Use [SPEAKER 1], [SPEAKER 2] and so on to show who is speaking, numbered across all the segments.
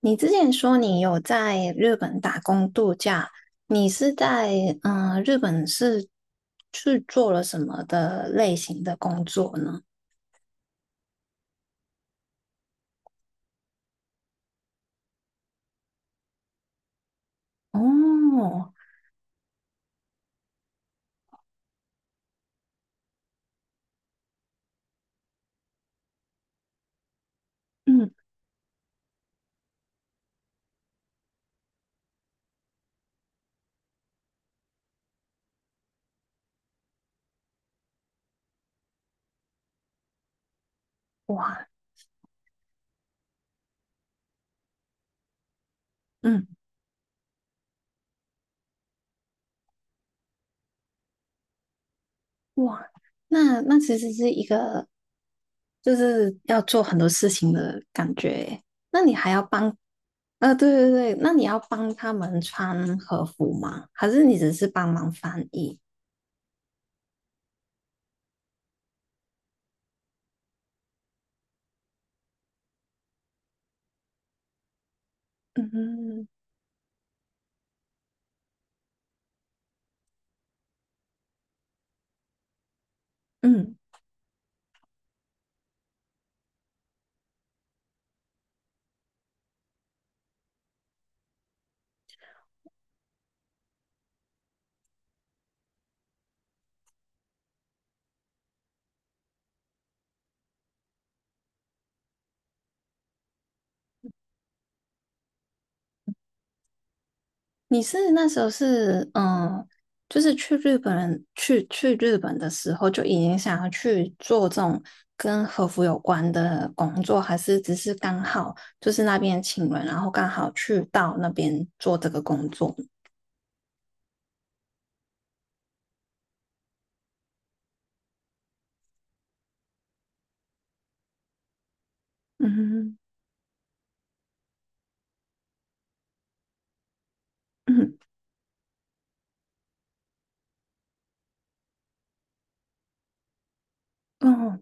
[SPEAKER 1] 你之前说你有在日本打工度假，你是在日本是去做了什么的类型的工作呢？哦，嗯，哇，嗯，哇，那其实是一个就是要做很多事情的感觉耶那你还要帮，啊？对对对，那你要帮他们穿和服吗？还是你只是帮忙翻译？嗯嗯。你是那时候是就是去日本的时候就已经想要去做这种跟和服有关的工作，还是只是刚好就是那边请人，然后刚好去到那边做这个工作？嗯嗯哦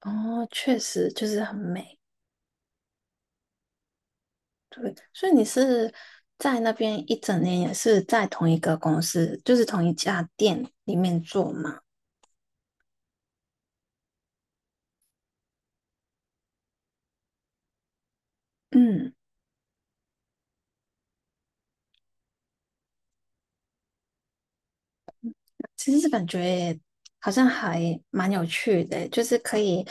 [SPEAKER 1] 哦，确实就是很美，对，所以你是在那边一整年也是在同一个公司，就是同一家店里面做吗？嗯。其实感觉好像还蛮有趣的欸，就是可以，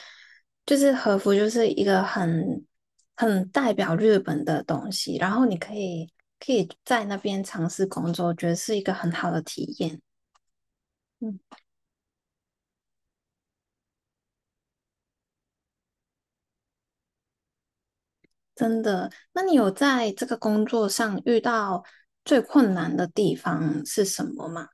[SPEAKER 1] 就是和服就是一个很代表日本的东西，然后你可以在那边尝试工作，我觉得是一个很好的体验。嗯，真的。那你有在这个工作上遇到最困难的地方是什么吗？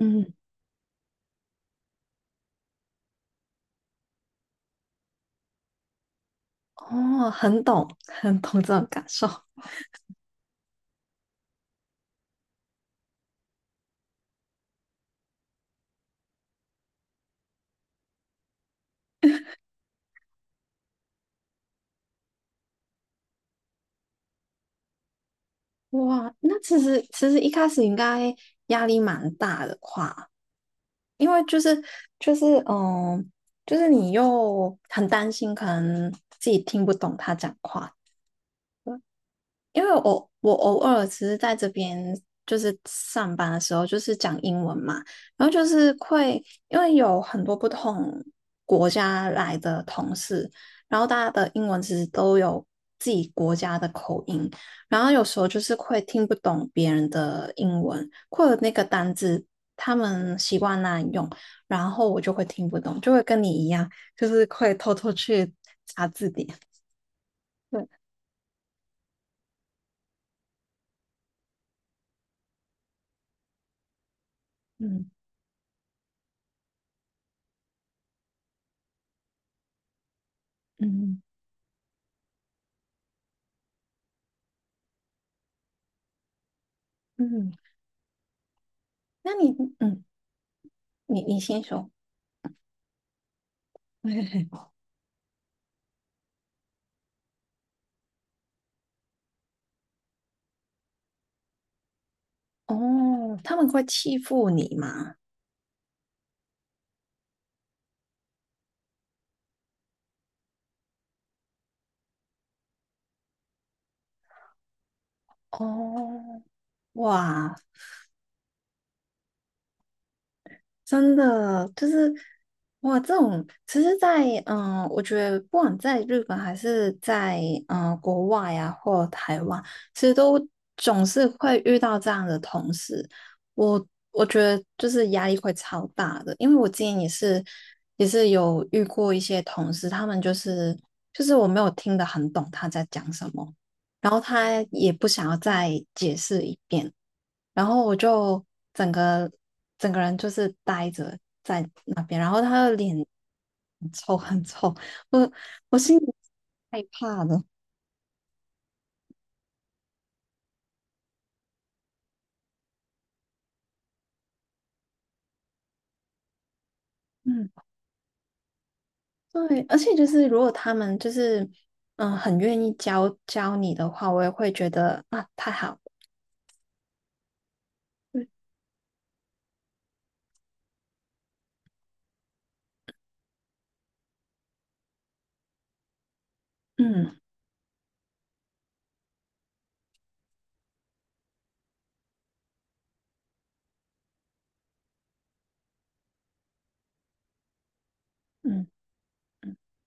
[SPEAKER 1] 嗯，哦，很懂，很懂这种感受。哇，那其实一开始应该压力蛮大的话。因为就是嗯，就是你又很担心，可能自己听不懂他讲话，对因为我偶尔只是在这边就是上班的时候，就是讲英文嘛，然后就是会因为有很多不同国家来的同事，然后大家的英文其实都有自己国家的口音，然后有时候就是会听不懂别人的英文，或者那个单字他们习惯那样用，然后我就会听不懂，就会跟你一样，就是会偷偷去查字典。对，嗯嗯嗯，那你嗯，你先说。哦，他们会欺负你吗？哦，哇，真的就是哇，这种其实在，我觉得不管在日本还是在国外呀、或台湾，其实都总是会遇到这样的同事。我我觉得就是压力会超大的，因为我之前也是有遇过一些同事，他们就是我没有听得很懂他在讲什么，然后他也不想要再解释一遍。然后我就整个整个人就是呆着在那边，然后他的脸很臭很臭，我我心里害怕的，嗯，对，而且就是如果他们就是很愿意教教你的话，我也会觉得啊太好了，对嗯嗯。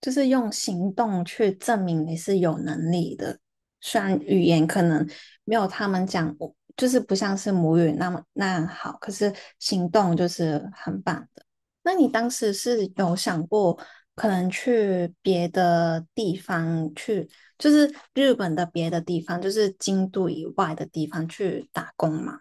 [SPEAKER 1] 就是用行动去证明你是有能力的。虽然语言可能没有他们讲，就是不像是母语那么那好，可是行动就是很棒的。那你当时是有想过可能去别的地方去，就是日本的别的地方，就是京都以外的地方去打工吗？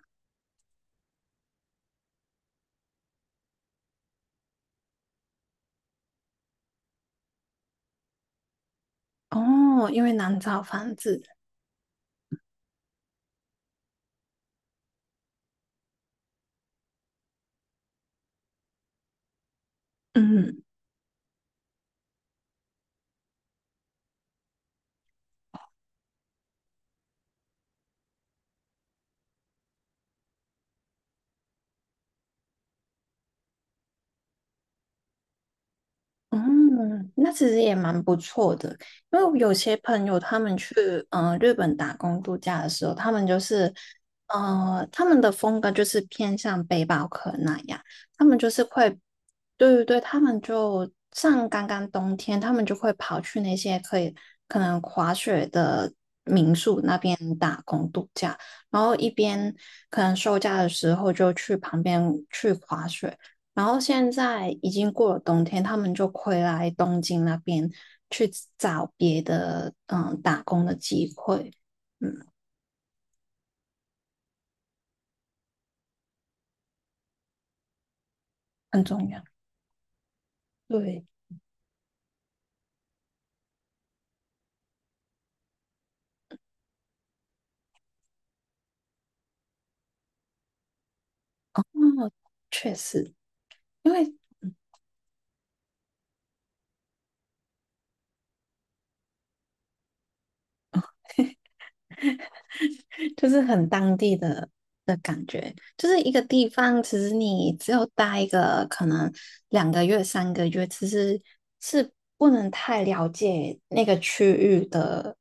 [SPEAKER 1] 哦，因为难找房子，嗯。嗯，那其实也蛮不错的，因为有些朋友他们去日本打工度假的时候，他们他们的风格就是偏向背包客那样，他们就是会，对对对，他们就像刚刚冬天，他们就会跑去那些可能滑雪的边打工度假，然后一边可能休假的时候就去旁边去滑雪。然后现在已经过了冬天，他们就回来东京那边去找别的打工的机会，嗯，很重要。对，嗯，确实，因为就是很当地的感觉，就是一个地方，其实你只有待一个可能2个月、3个月，其实是不能太了解那个区域的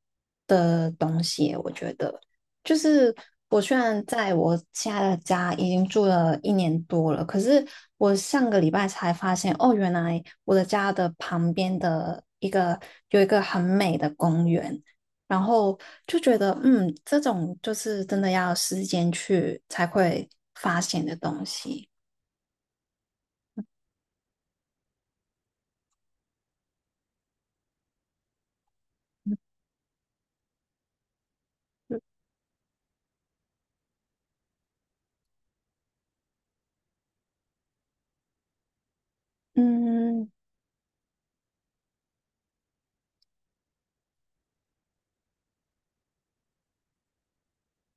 [SPEAKER 1] 东西。我觉得，就是我虽然在我现在的家已经住了一年多了，可是我上个礼拜才发现，哦，原来我的家的旁边的一个有一个很美的公园。然后就觉得，这种就是真的要时间去才会发现的东西。嗯，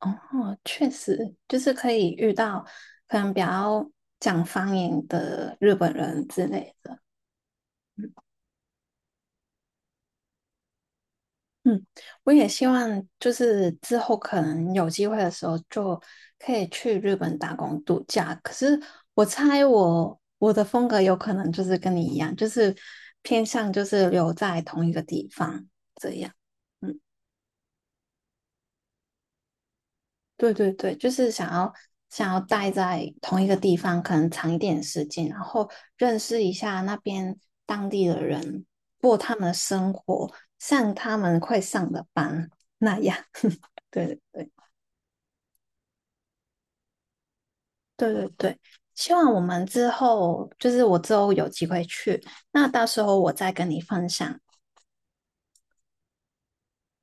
[SPEAKER 1] 哦，确实，就是可以遇到可能比较讲方言的日本人之类的。嗯，我也希望就是之后可能有机会的时候就可以去日本打工度假。可是我猜我的风格有可能就是跟你一样，就是偏向就是留在同一个地方这样。嗯，对对对，就是想要待在同一个地方，可能长一点时间，然后认识一下那边当地的人，过他们的生活，像他们会上的班那样。对对对。对对对，希望我们之后就是我之后有机会去，那到时候我再跟你分享